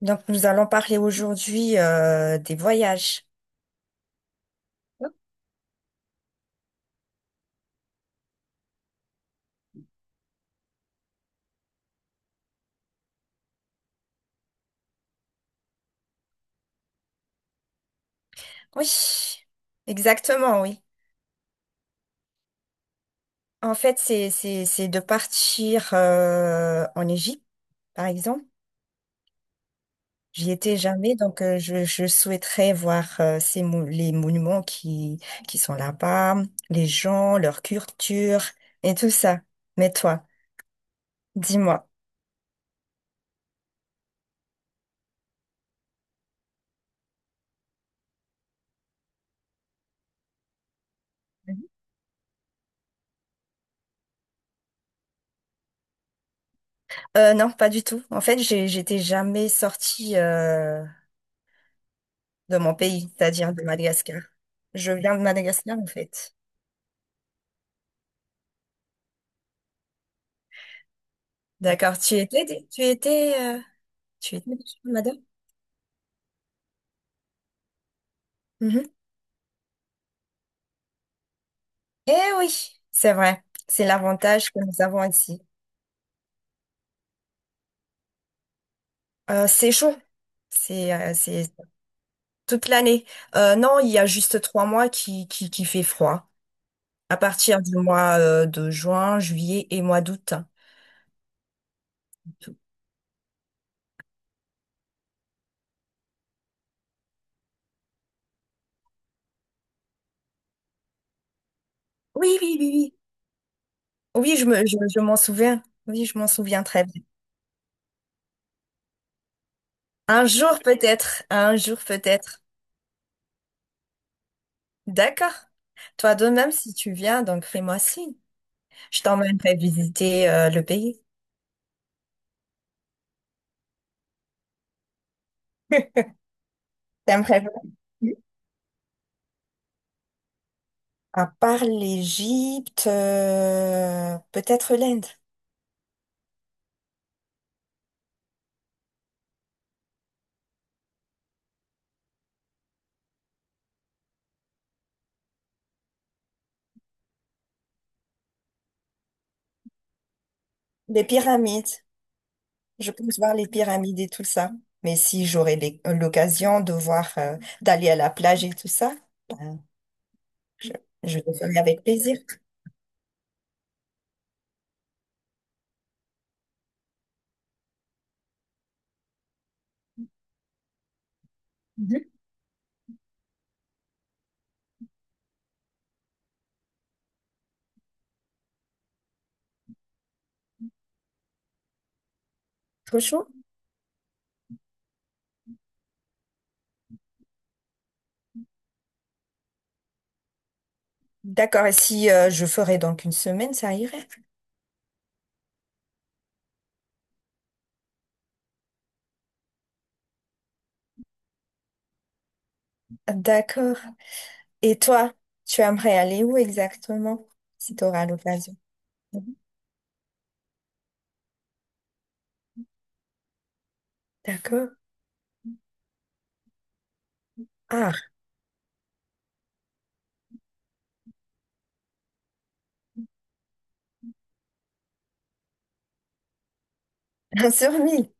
Donc, nous allons parler aujourd'hui des voyages. Oui, exactement, oui. En fait, c'est de partir en Égypte, par exemple. J'y étais jamais, donc je souhaiterais voir les monuments qui sont là-bas, les gens, leur culture et tout ça. Mais toi, dis-moi. Non, pas du tout. En fait, j'étais jamais sortie de mon pays, c'est-à-dire de Madagascar. Je viens de Madagascar, en fait. D'accord, tu étais, euh, tu étais, madame? Mhm. Eh oui, c'est vrai. C'est l'avantage que nous avons ici. C'est chaud. C'est toute l'année. Non, il y a juste 3 mois qui fait froid. À partir du mois de juin, juillet et mois d'août. Oui, oui, oui, oui. Oui, je m'en souviens. Oui, je m'en souviens très bien. Un jour peut-être. Un jour peut-être. D'accord. Toi de même, si tu viens, donc fais-moi signe. Je t'emmènerai visiter le pays. T'aimerais bien. À part l'Égypte, peut-être l'Inde. Les pyramides. Je pense voir les pyramides et tout ça. Mais si j'aurais l'occasion de voir, d'aller à la plage et tout ça, ben, je, je le ferai avec plaisir. Mhm. Trop chaud. D'accord. Et si je ferais donc une semaine, ça irait. D'accord. Et toi, tu aimerais aller où exactement si tu auras l'occasion? D'accord. Ah. Un sur 1 000.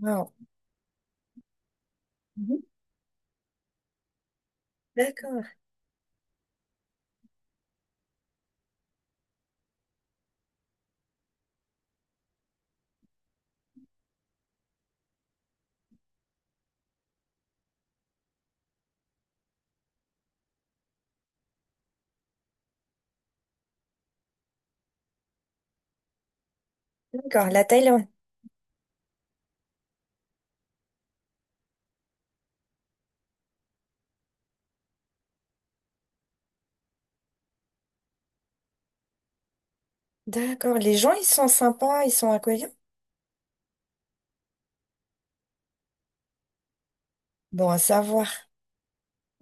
Wow. Mhm. D'accord, d'accord. La Thaïlande. D'accord. Les gens, ils sont sympas, ils sont accueillants. Bon, à savoir.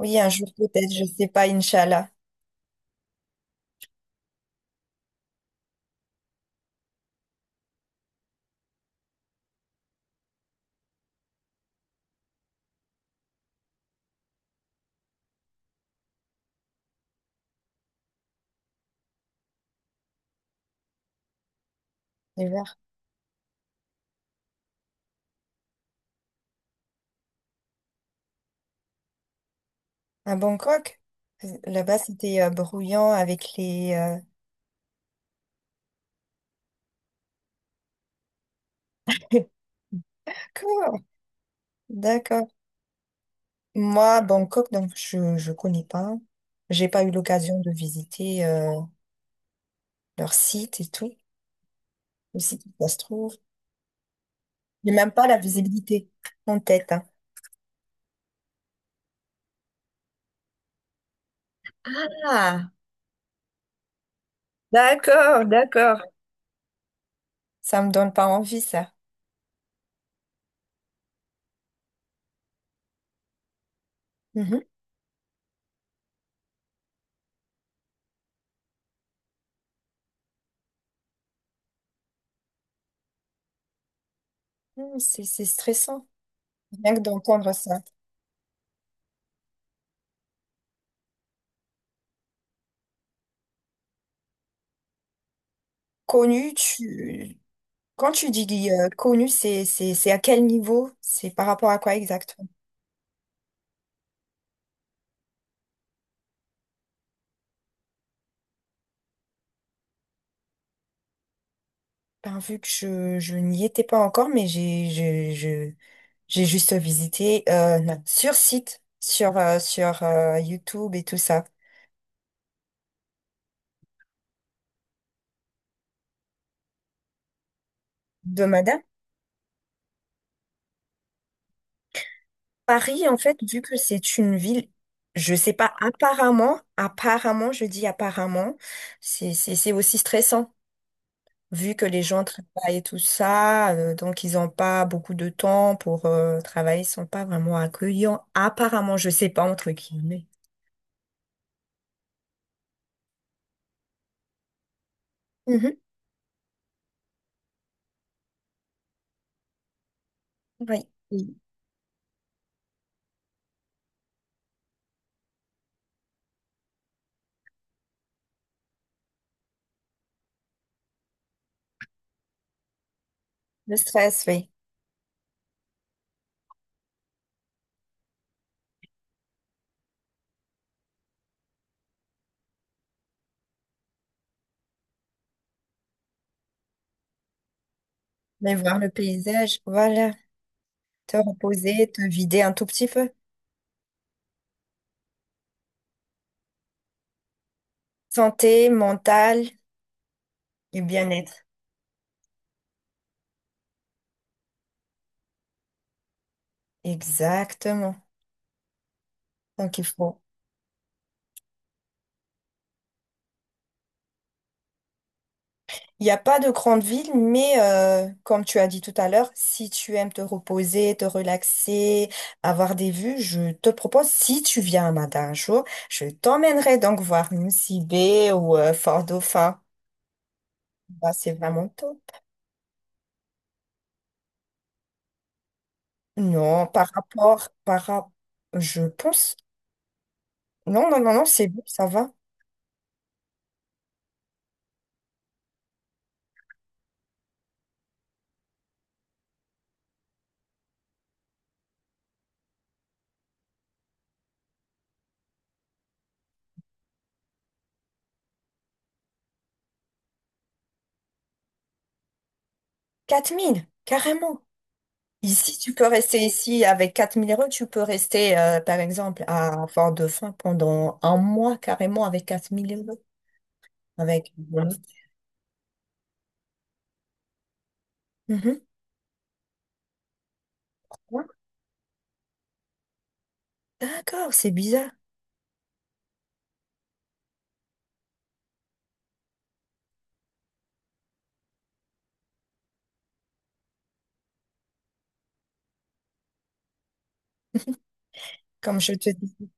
Oui, un jour peut-être, je sais pas, Inch'Allah. L'hiver. À Bangkok, là-bas, c'était brouillant avec les. D'accord, d'accord. Moi, Bangkok, donc je connais pas. J'ai pas eu l'occasion de visiter leur site et tout. Aussi, ça se trouve. J'ai même pas la visibilité en tête, hein. Ah, d'accord, d'accord. Ça me donne pas envie, ça. Mhm. C'est stressant, rien que d'entendre ça. Connu, tu... Quand tu dis connu, c'est à quel niveau? C'est par rapport à quoi exactement? Ben, vu que je n'y étais pas encore, mais j'ai juste visité non, sur site, sur YouTube et tout ça. Domada? Paris, en fait, vu que c'est une ville, je sais pas, apparemment, apparemment, je dis apparemment, c'est aussi stressant, vu que les gens travaillent et tout ça, donc ils n'ont pas beaucoup de temps pour travailler, ils sont pas vraiment accueillants, apparemment, je sais pas, entre guillemets. Mhm, oui, oui. Le stress, oui. Mais voir le paysage, voilà, te reposer, te vider un tout petit peu. Santé mentale et bien-être. Exactement. Donc il faut. Il n'y a pas de grande ville, mais comme tu as dit tout à l'heure, si tu aimes te reposer, te relaxer, avoir des vues, je te propose, si tu viens à Mada un jour, je t'emmènerai donc voir Lucy Bay ou Fort Dauphin. Bah, c'est vraiment top. Non, par rapport, je pense, non, non, non, non, c'est bon, ça va. 4000, carrément. Ici, tu peux rester ici avec 4 000 euros, tu peux rester, par exemple, à Fort-Dauphin pendant un mois carrément avec 4 000 euros. Avec mon autre. Mhm. D'accord, c'est bizarre, comme je te dis.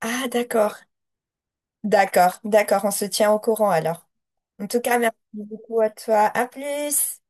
Ah, d'accord, d'accord, d'accord, on se tient au courant alors. En tout cas, merci beaucoup à toi. À plus.